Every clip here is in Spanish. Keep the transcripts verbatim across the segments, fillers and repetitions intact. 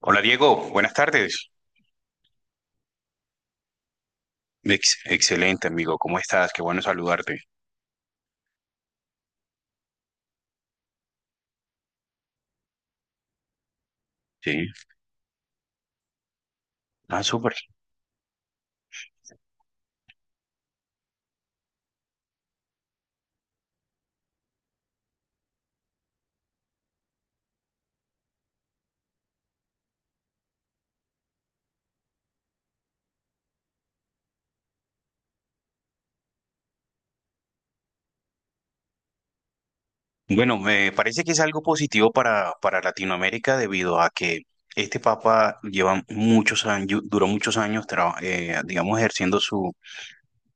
Hola Diego, buenas tardes. Ex- excelente amigo, ¿cómo estás? Qué bueno saludarte. Sí, ah, súper. Bueno, me parece que es algo positivo para, para Latinoamérica debido a que este papa lleva muchos años, duró muchos años, tra- eh, digamos, ejerciendo su,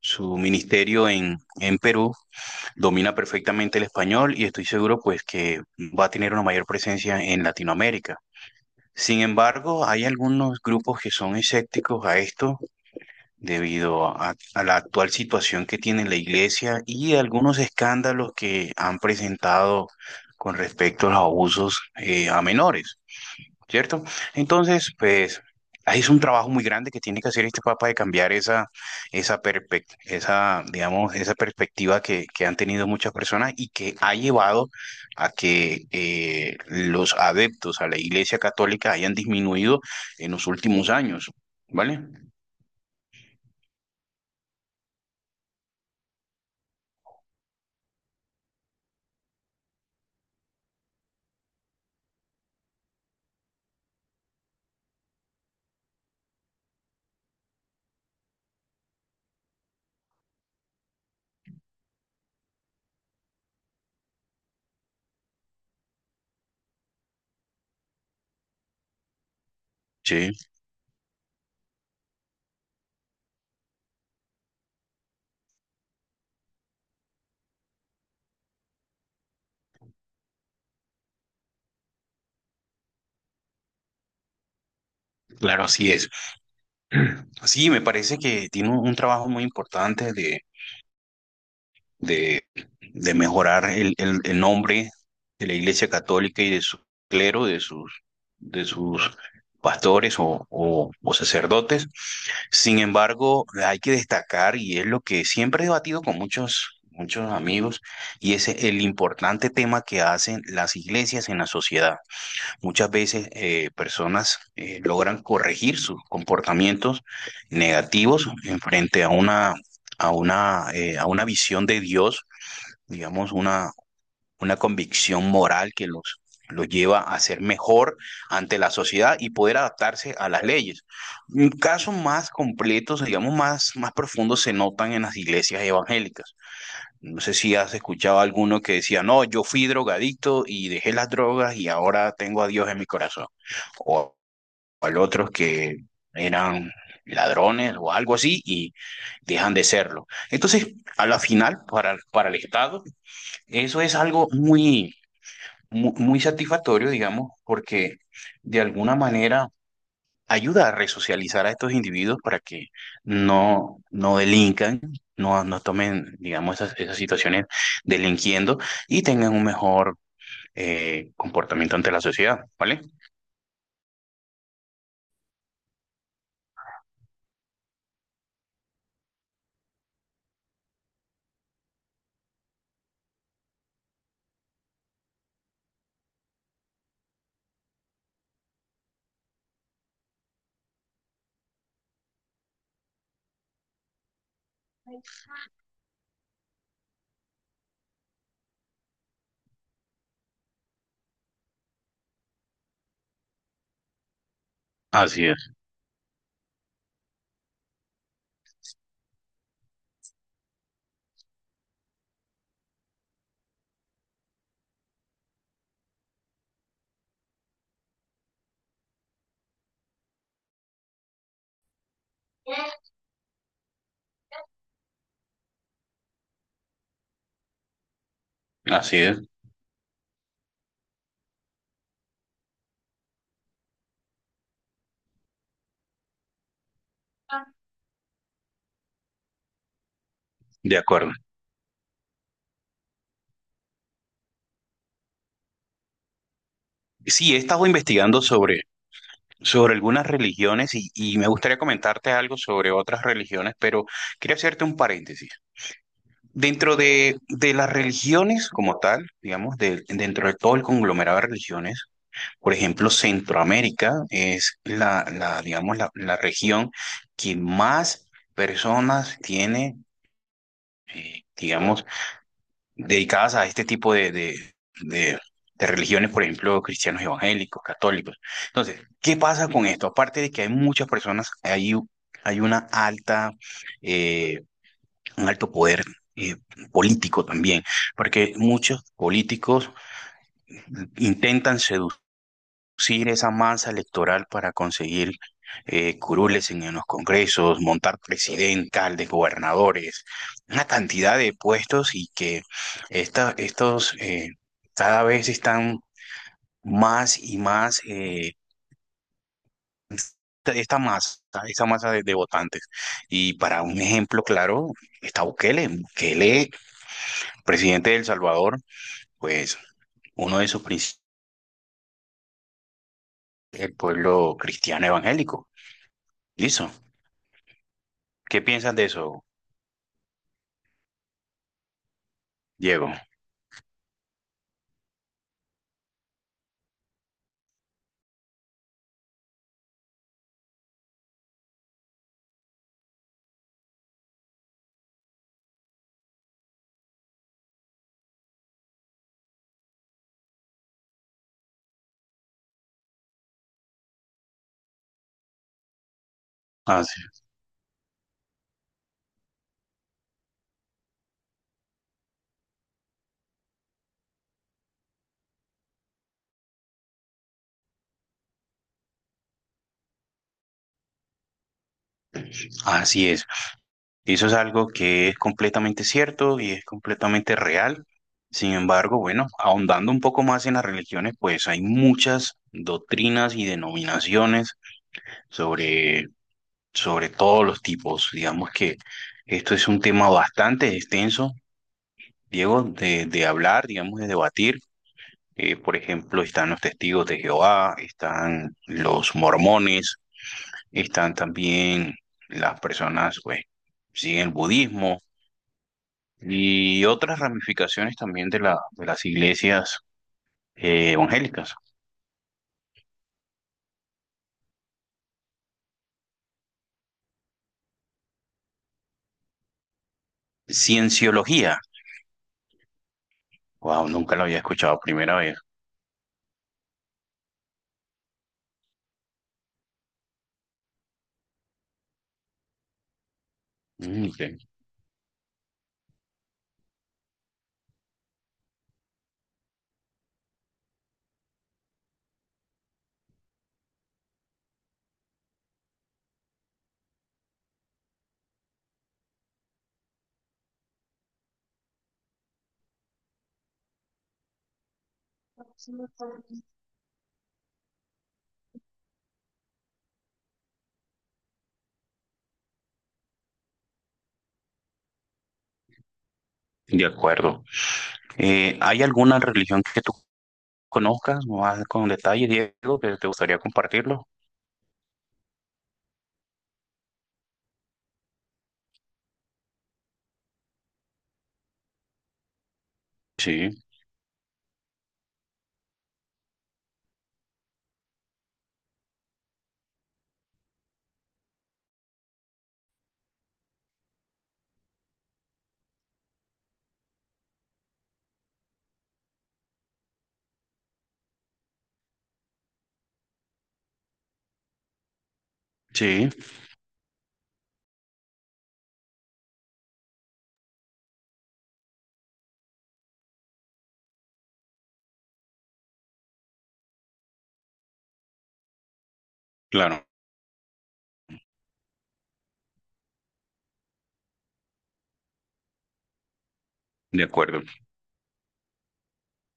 su ministerio en, en Perú, domina perfectamente el español y estoy seguro pues que va a tener una mayor presencia en Latinoamérica. Sin embargo, hay algunos grupos que son escépticos a esto debido a, a la actual situación que tiene la iglesia y algunos escándalos que han presentado con respecto a los abusos eh, a menores, ¿cierto? Entonces, pues ahí es un trabajo muy grande que tiene que hacer este Papa de cambiar esa, esa, perspect- esa, digamos, esa perspectiva que, que, han tenido muchas personas y que ha llevado a que eh, los adeptos a la Iglesia Católica hayan disminuido en los últimos años, ¿vale? Sí, claro, así es. Sí, me parece que tiene un un trabajo muy importante de, de, de mejorar el, el, el nombre de la Iglesia Católica y de su clero, de sus, de sus pastores o, o, o sacerdotes. Sin embargo, hay que destacar, y es lo que siempre he debatido con muchos, muchos amigos, y es el importante tema que hacen las iglesias en la sociedad. Muchas veces eh, personas eh, logran corregir sus comportamientos negativos en frente a una, a una, eh, a una visión de Dios, digamos, una, una convicción moral que los, los lleva a ser mejor ante la sociedad y poder adaptarse a las leyes. Casos más completos, digamos, más, más profundos se notan en las iglesias evangélicas. No sé si has escuchado a alguno que decía, no, yo fui drogadicto y dejé las drogas y ahora tengo a Dios en mi corazón. O al otros que eran ladrones o algo así y dejan de serlo. Entonces, a la final, para, para el Estado, eso es algo muy, muy, muy satisfactorio, digamos, porque de alguna manera ayuda a resocializar a estos individuos para que no, no delincan, no, no tomen, digamos, esas, esas situaciones delinquiendo y tengan un mejor eh, comportamiento ante la sociedad, ¿vale? Así es, así es, de acuerdo. Sí, he estado investigando sobre, sobre algunas religiones y, y me gustaría comentarte algo sobre otras religiones, pero quería hacerte un paréntesis. Dentro de, de las religiones como tal, digamos, de- dentro de todo el conglomerado de religiones, por ejemplo, Centroamérica es la, la digamos, la, la región que más personas tiene, eh, digamos, dedicadas a este tipo de, de, de, de religiones, por ejemplo, cristianos evangélicos, católicos. Entonces, ¿qué pasa con esto? Aparte de que hay muchas personas, hay, u- hay una alta, eh, un alto poder eh, político también, porque muchos políticos intentan seducir producir esa masa electoral para conseguir eh, curules en, en los congresos, montar presidentes, alcaldes, gobernadores, una cantidad de puestos y que esta, estos eh, cada vez están más y más, eh, esta masa, esta masa de, de votantes. Y para un ejemplo claro, está Bukele, Bukele, presidente de El Salvador, pues uno de sus principios, el pueblo cristiano evangélico. Listo. ¿Qué piensas de eso, Diego? Así, así es. Eso es algo que es completamente cierto y es completamente real. Sin embargo, bueno, ahondando un poco más en las religiones, pues hay muchas doctrinas y denominaciones sobre, sobre todos los tipos. Digamos que esto es un tema bastante extenso, Diego, de, de hablar, digamos, de debatir. Eh, por ejemplo, están los testigos de Jehová, están los mormones, están también las personas, pues, siguen el budismo y otras ramificaciones también de, la, de las iglesias eh, evangélicas. Cienciología. Wow, nunca lo había escuchado, primera vez. Mm, ok. De acuerdo. Eh, ¿hay alguna religión que tú conozcas más con detalle, Diego, que te gustaría compartirlo? Sí, sí, claro, de acuerdo.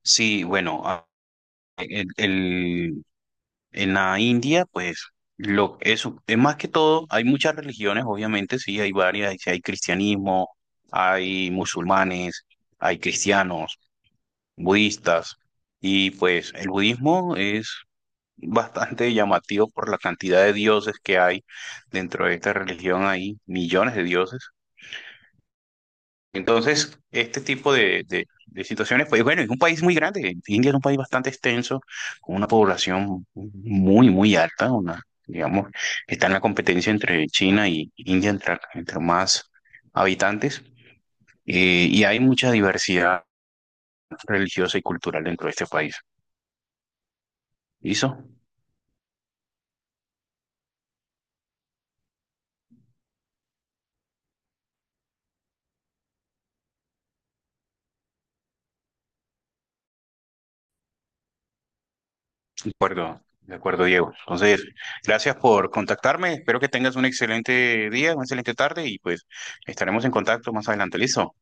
Sí, bueno, a- el, el- en la India, pues, lo, eso, es más que todo, hay muchas religiones, obviamente, sí, hay varias, hay, hay cristianismo, hay musulmanes, hay cristianos, budistas, y pues el budismo es bastante llamativo por la cantidad de dioses que hay dentro de esta religión, hay millones de dioses, entonces, este tipo de, de- de situaciones, pues bueno, es un país muy grande. India es un país bastante extenso, con una población muy, muy alta. Una, digamos, está en la competencia entre China y India, entre, entre más habitantes. Eh, y hay mucha diversidad religiosa y cultural dentro de este país. ¿Listo? De acuerdo, de acuerdo, Diego. Entonces, gracias por contactarme. Espero que tengas un excelente día, una excelente tarde y pues estaremos en contacto más adelante. ¿Listo?